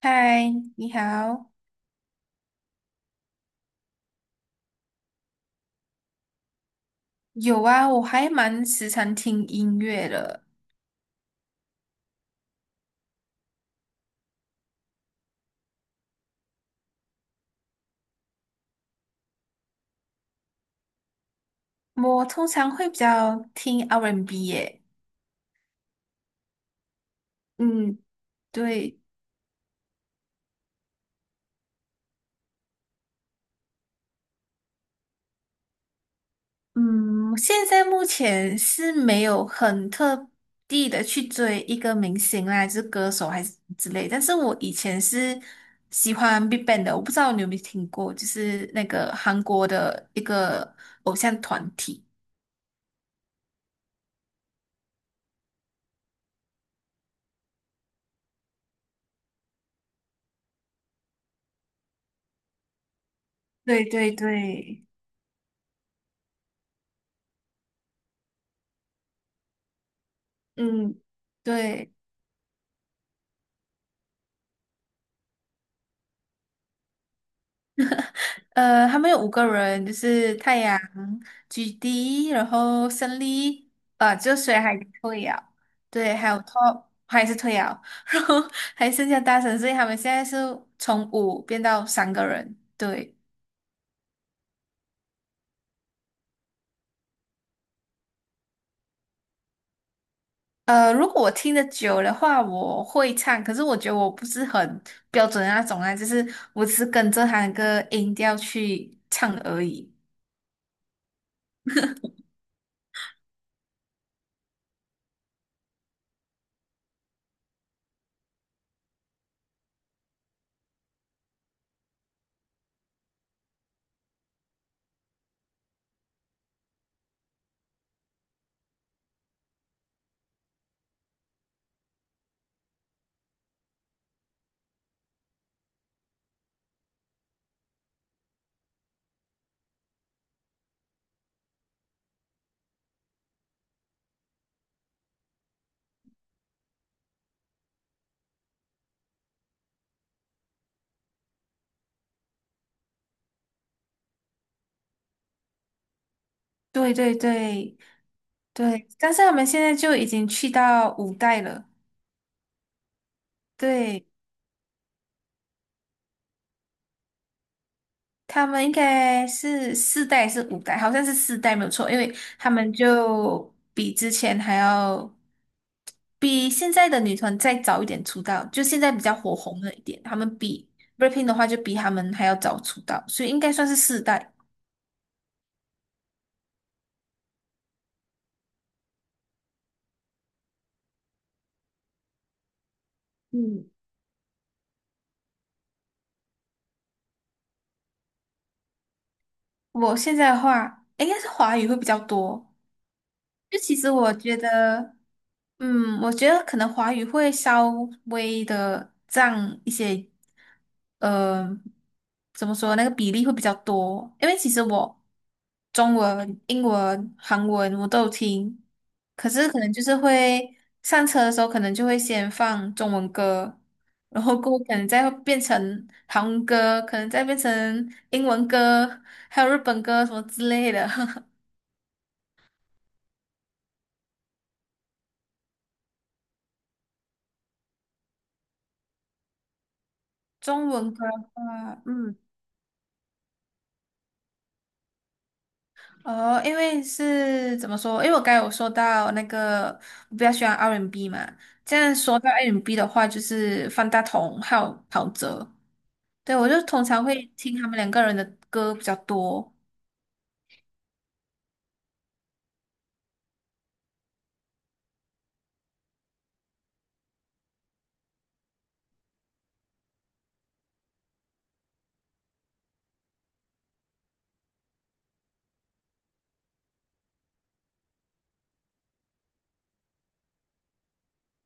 嗨，你好。有啊，我还蛮时常听音乐的。我通常会比较听 R&B 耶。嗯，对，嗯，现在目前是没有很特地的去追一个明星啦，就是歌手还是之类。但是我以前是喜欢 BigBang 的，我不知道你有没有听过，就是那个韩国的一个偶像团体。对对对，嗯，对。他们有五个人，就是太阳、菊地，然后胜利，就谁还退了，对，还有 Top 还是退啊？然后还剩下大神，所以他们现在是从五变到三个人，对。如果我听得久的话，我会唱，可是我觉得我不是很标准的那种啊，就是我只是跟着他那个音调去唱而已。对对对对，但是他们现在就已经去到五代了，对。他们应该是四代还是五代，好像是四代没有错，因为他们就比之前还要比现在的女团再早一点出道，就现在比较火红了一点。他们比 b l a c k p i n 的话，就比他们还要早出道，所以应该算是四代。嗯，我现在的话，应该是华语会比较多。就其实我觉得。嗯，我觉得可能华语会稍微的占一些，呃，怎么说那个比例会比较多，因为其实我中文、英文、韩文我都有听，可是可能就是会上车的时候可能就会先放中文歌，然后过后可能再变成韩文歌，可能再变成英文歌，还有日本歌什么之类的。中文歌的话，嗯。哦，因为是怎么说？因为我刚才有说到那个我比较喜欢 R&B 嘛，这样说到 R&B 的话，就是方大同还有陶喆，对，我就通常会听他们两个人的歌比较多。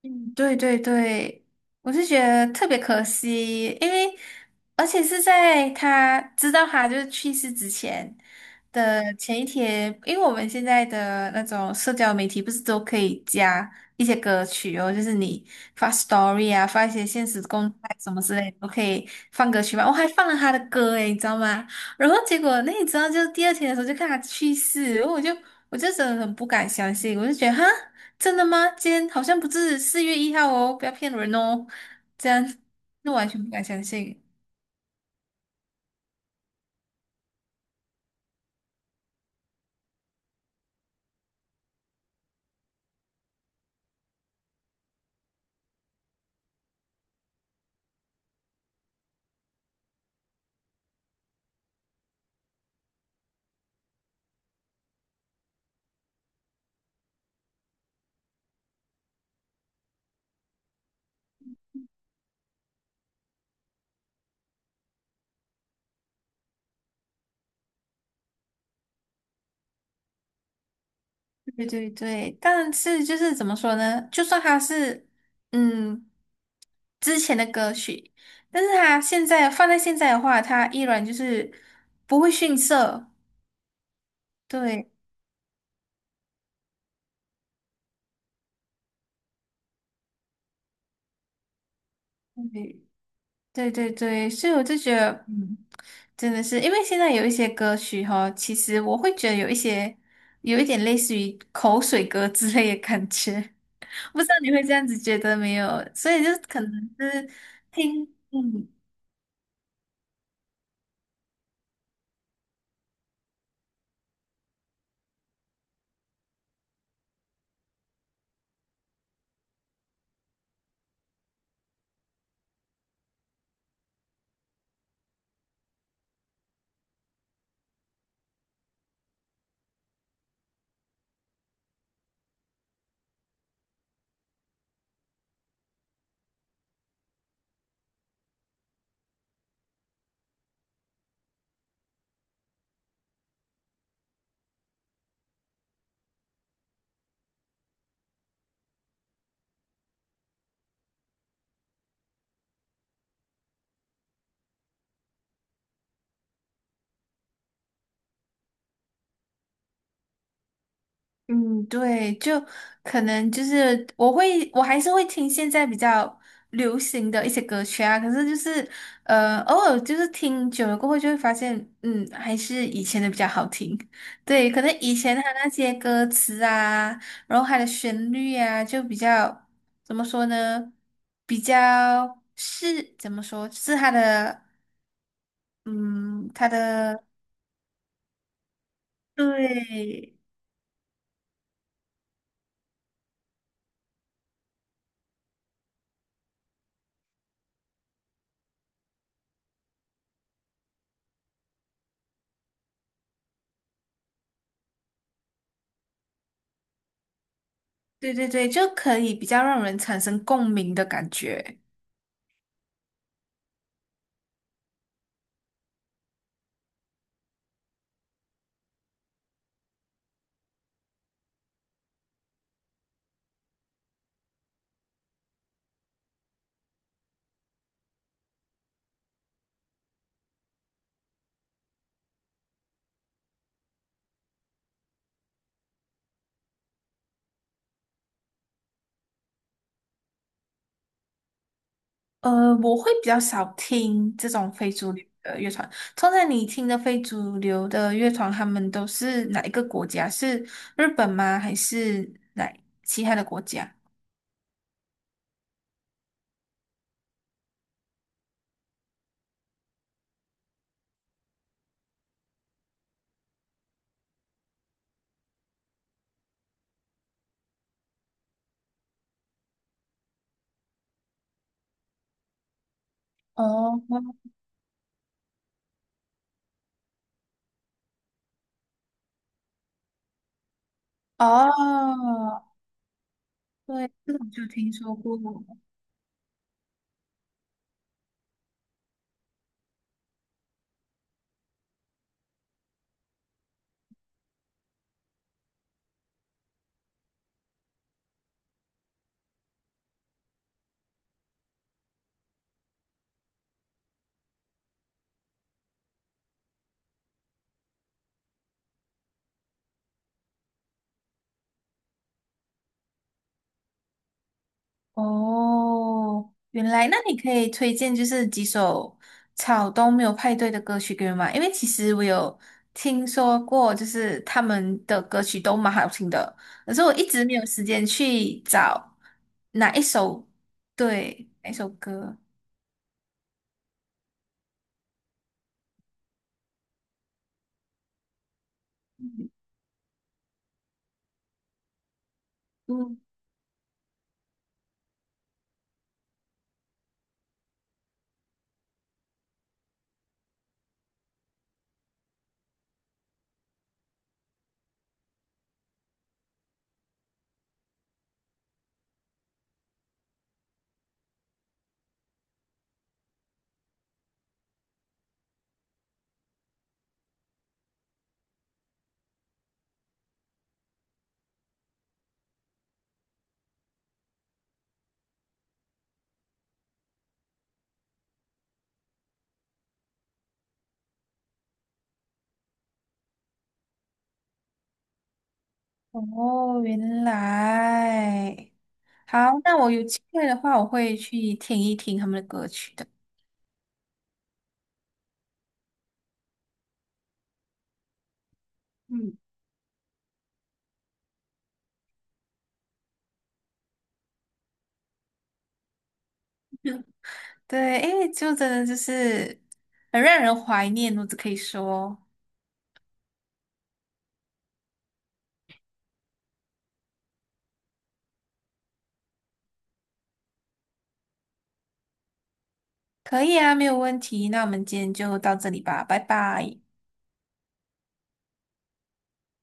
嗯对对对，我是觉得特别可惜，因为而且是在他知道他就是去世之前的前一天，因为我们现在的那种社交媒体不是都可以加一些歌曲哦，就是你发 story 啊，发一些现实动态什么之类的，都可以放歌曲嘛。我还放了他的歌诶，你知道吗？然后结果那你知道，就第二天的时候就看他去世，然后我就真的很不敢相信，我就觉得哈。真的吗？今天好像不是四月一号哦，不要骗人哦。这样，那完全不敢相信。对对对，但是就是怎么说呢？就算他是嗯之前的歌曲，但是他现在放在现在的话，他依然就是不会逊色。对，对对对对，所以我就觉得，真的是因为现在有一些歌曲哈，其实我会觉得有一些有一点类似于口水歌之类的感觉。不知道你会这样子觉得没有？所以就可能是听，嗯嗯，对，就可能我还是会听现在比较流行的一些歌曲啊。可是就是偶尔就是听久了过后，就会发现，还是以前的比较好听。对，可能以前他那些歌词啊，然后它的旋律啊，就比较怎么说呢？比较是怎么说？是它的。嗯，他的对，对对对，就可以比较让人产生共鸣的感觉。我会比较少听这种非主流的乐团。通常你听的非主流的乐团，他们都是哪一个国家？是日本吗？还是哪其他的国家？哦哦，对，这种就听说过。哦，原来那你可以推荐就是几首草东没有派对的歌曲给我吗？因为其实我有听说过，就是他们的歌曲都蛮好听的，可是我一直没有时间去找哪一首，对，哪一首歌。嗯，哦，原来，好，那我有机会的话，我会去听一听他们的歌曲的。嗯。对，因为就真的就是很让人怀念，我只可以说，可以啊，没有问题。那我们今天就到这里吧，拜拜。